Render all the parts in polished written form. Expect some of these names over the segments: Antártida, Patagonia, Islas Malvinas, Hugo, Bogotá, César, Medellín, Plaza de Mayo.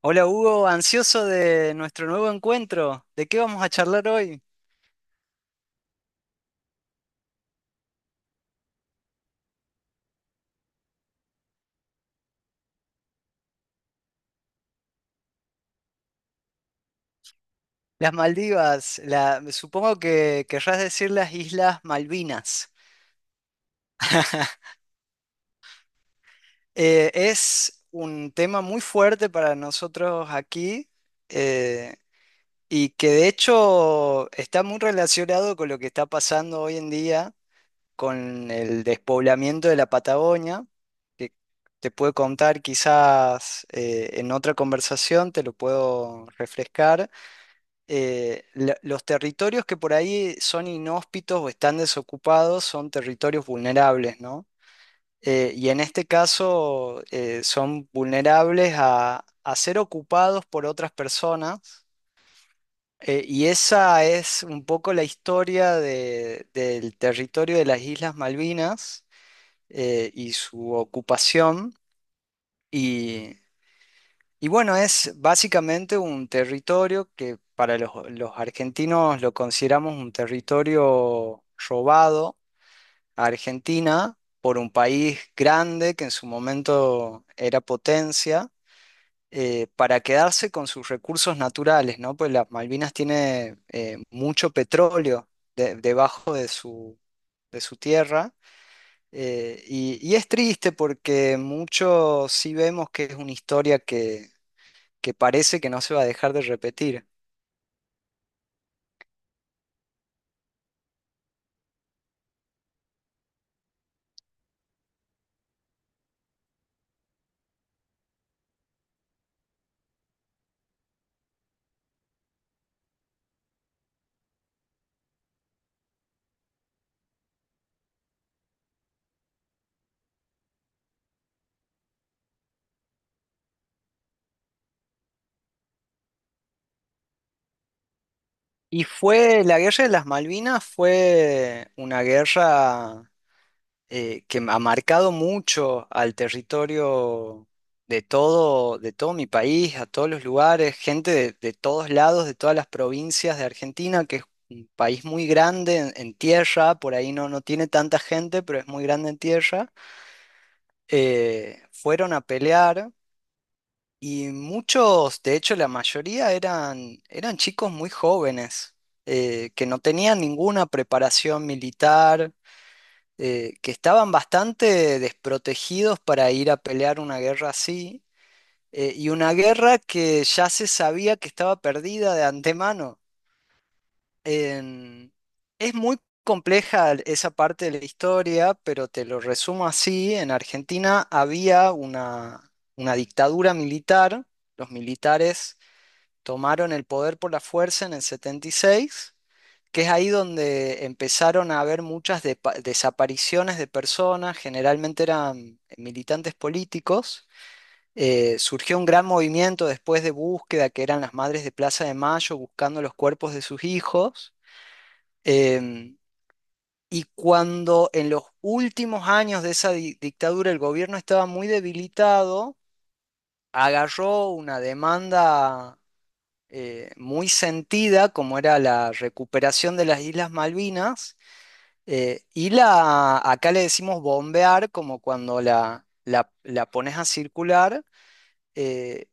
Hola Hugo, ansioso de nuestro nuevo encuentro. ¿De qué vamos a charlar hoy? Las Maldivas, supongo que querrás decir las Islas Malvinas. Es un tema muy fuerte para nosotros aquí eh, y que de hecho está muy relacionado con lo que está pasando hoy en día con el despoblamiento de la Patagonia, que te puedo contar quizás en otra conversación, te lo puedo refrescar. Los territorios que por ahí son inhóspitos o están desocupados son territorios vulnerables, ¿no? Y en este caso son vulnerables a ser ocupados por otras personas. Y esa es un poco la historia del territorio de las Islas Malvinas y su ocupación. Y Y bueno, es básicamente un territorio que para los argentinos lo consideramos un territorio robado a Argentina por un país grande que en su momento era potencia, para quedarse con sus recursos naturales, ¿no? Pues las Malvinas tiene mucho petróleo debajo de de su tierra. Y es triste porque mucho sí vemos que es una historia que parece que no se va a dejar de repetir. La guerra de las Malvinas fue una guerra que ha marcado mucho al territorio de todo mi país, a todos los lugares, gente de todos lados, de todas las provincias de Argentina, que es un país muy grande en tierra, por ahí no tiene tanta gente, pero es muy grande en tierra. Fueron a pelear. Y muchos, de hecho la mayoría eran chicos muy jóvenes, que no tenían ninguna preparación militar, que estaban bastante desprotegidos para ir a pelear una guerra así, y una guerra que ya se sabía que estaba perdida de antemano. En- es muy compleja esa parte de la historia, pero te lo resumo así: en Argentina había una dictadura militar, los militares tomaron el poder por la fuerza en el 76, que es ahí donde empezaron a haber muchas desapariciones de personas, generalmente eran militantes políticos. Surgió un gran movimiento después de búsqueda, que eran las madres de Plaza de Mayo buscando los cuerpos de sus hijos. Em, y cuando en los últimos años de esa dictadura el gobierno estaba muy debilitado, agarró una demanda muy sentida, como era la recuperación de las Islas Malvinas, y la, acá le decimos bombear, como cuando la pones a circular, eh,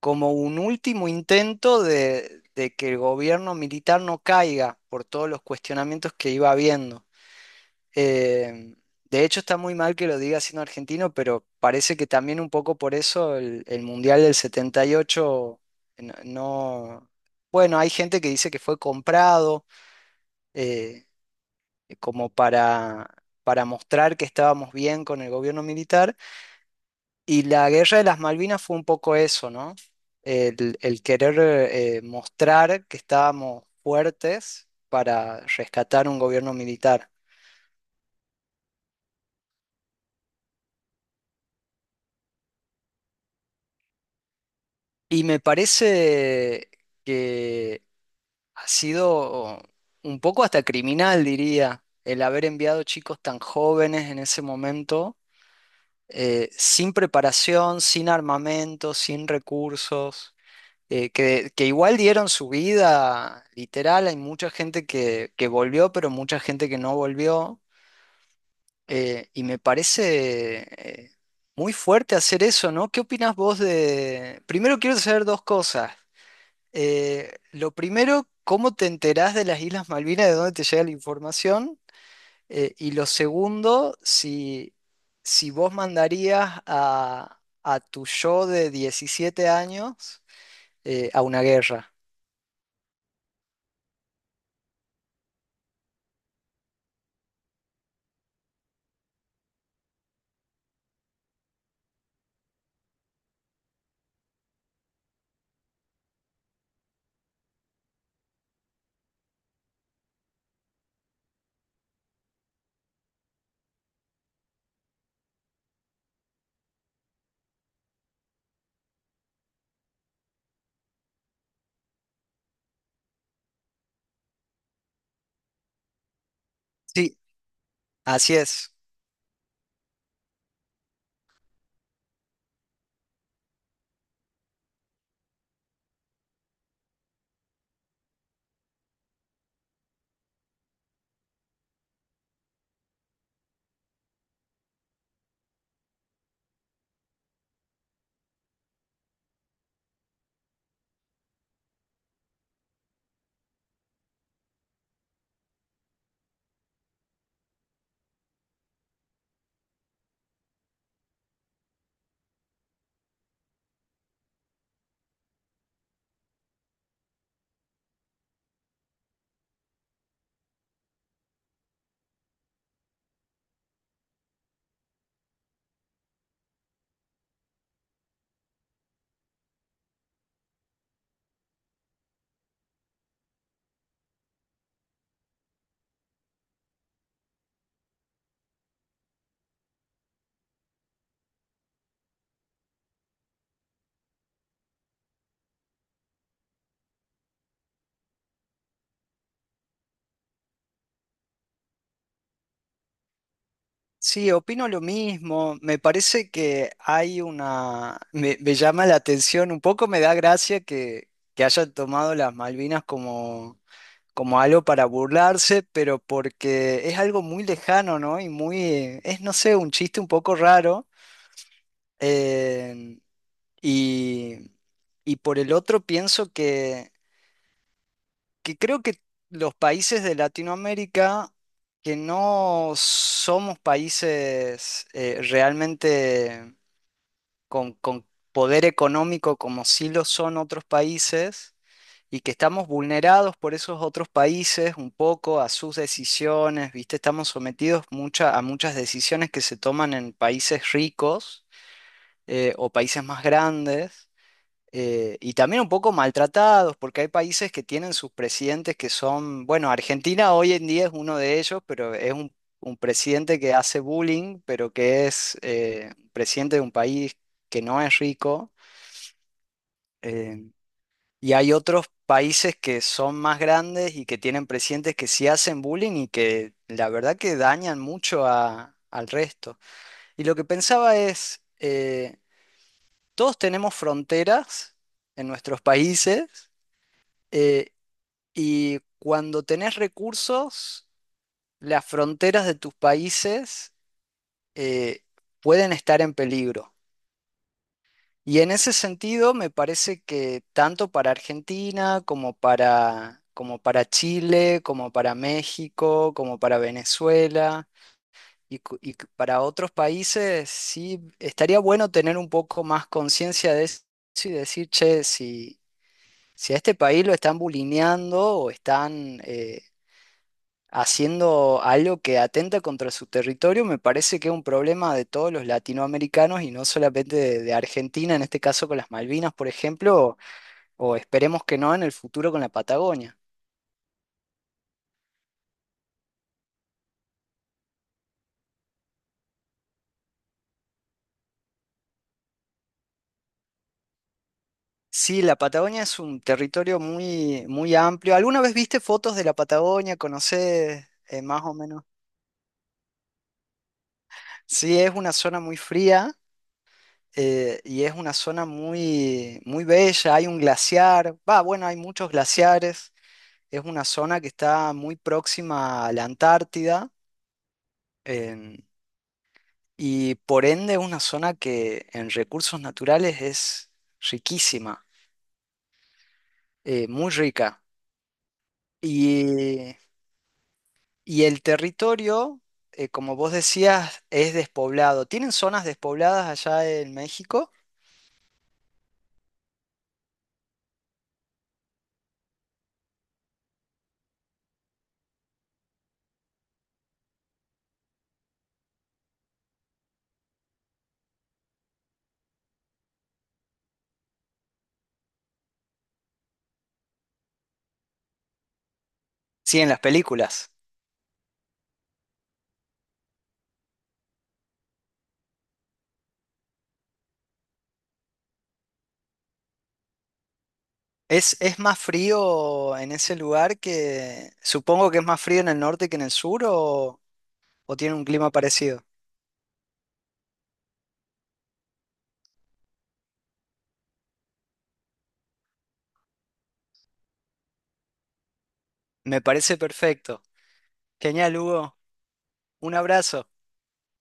como un último intento de que el gobierno militar no caiga por todos los cuestionamientos que iba habiendo. Eh, de hecho, está muy mal que lo diga siendo argentino, pero parece que también un poco por eso el Mundial del 78 no, no- bueno, hay gente que dice que fue comprado, eh, como para mostrar que estábamos bien con el gobierno militar. Y la guerra de las Malvinas fue un poco eso, ¿no? El querer mostrar que estábamos fuertes para rescatar un gobierno militar. Y me parece que ha sido un poco hasta criminal, diría, el haber enviado chicos tan jóvenes en ese momento, sin preparación, sin armamento, sin recursos, que igual dieron su vida, literal, hay mucha gente que volvió, pero mucha gente que no volvió, y me parece eh, muy fuerte hacer eso, ¿no? ¿Qué opinas vos de...? Primero quiero saber dos cosas. Lo primero, ¿cómo te enterás de las Islas Malvinas, de dónde te llega la información? Y lo segundo, si vos mandarías a tu yo de 17 años a una guerra. Sí, así es. Sí, opino lo mismo. Me parece que hay una... me llama la atención, un poco me da gracia que hayan tomado las Malvinas como como algo para burlarse, pero porque es algo muy lejano, ¿no? Y muy, es, no sé, un chiste un poco raro. eh, y, y por el otro pienso que creo que los países de Latinoamérica, que no somos países realmente con poder económico como sí lo son otros países, y que estamos vulnerados por esos otros países un poco a sus decisiones, ¿viste? Estamos sometidos a muchas decisiones que se toman en países ricos, o países más grandes. Y también un poco maltratados, porque hay países que tienen sus presidentes que son, bueno, Argentina hoy en día es uno de ellos, pero es un presidente que hace bullying, pero que es presidente de un país que no es rico. Eh, y hay otros países que son más grandes y que tienen presidentes que sí hacen bullying y que la verdad que dañan mucho al resto. Y lo que pensaba es, todos tenemos fronteras en nuestros países, eh, y cuando tenés recursos, las fronteras de tus países eh, pueden estar en peligro. Y en ese sentido, me parece que tanto para Argentina como para, como para Chile, como para México, como para Venezuela para otros países, sí estaría bueno tener un poco más conciencia de eso y decir, che, si a este país lo están bulineando o están haciendo algo que atenta contra su territorio, me parece que es un problema de todos los latinoamericanos y no solamente de Argentina, en este caso con las Malvinas, por ejemplo, o esperemos que no en el futuro con la Patagonia. Sí, la Patagonia es un territorio muy, muy amplio. ¿Alguna vez viste fotos de la Patagonia? ¿Conocés más o menos? Sí, es una zona muy fría, y es una zona muy, muy bella. Hay un glaciar, va, bueno, hay muchos glaciares. Es una zona que está muy próxima a la Antártida. em, y por ende es una zona que en recursos naturales es riquísima, muy rica. Y, y el territorio, como vos decías, es despoblado. ¿Tienen zonas despobladas allá en México? Sí, en las películas. Es más frío en ese lugar que... Supongo que es más frío en el norte que en el sur, o tiene un clima parecido. Me parece perfecto. Genial, Hugo. Un abrazo.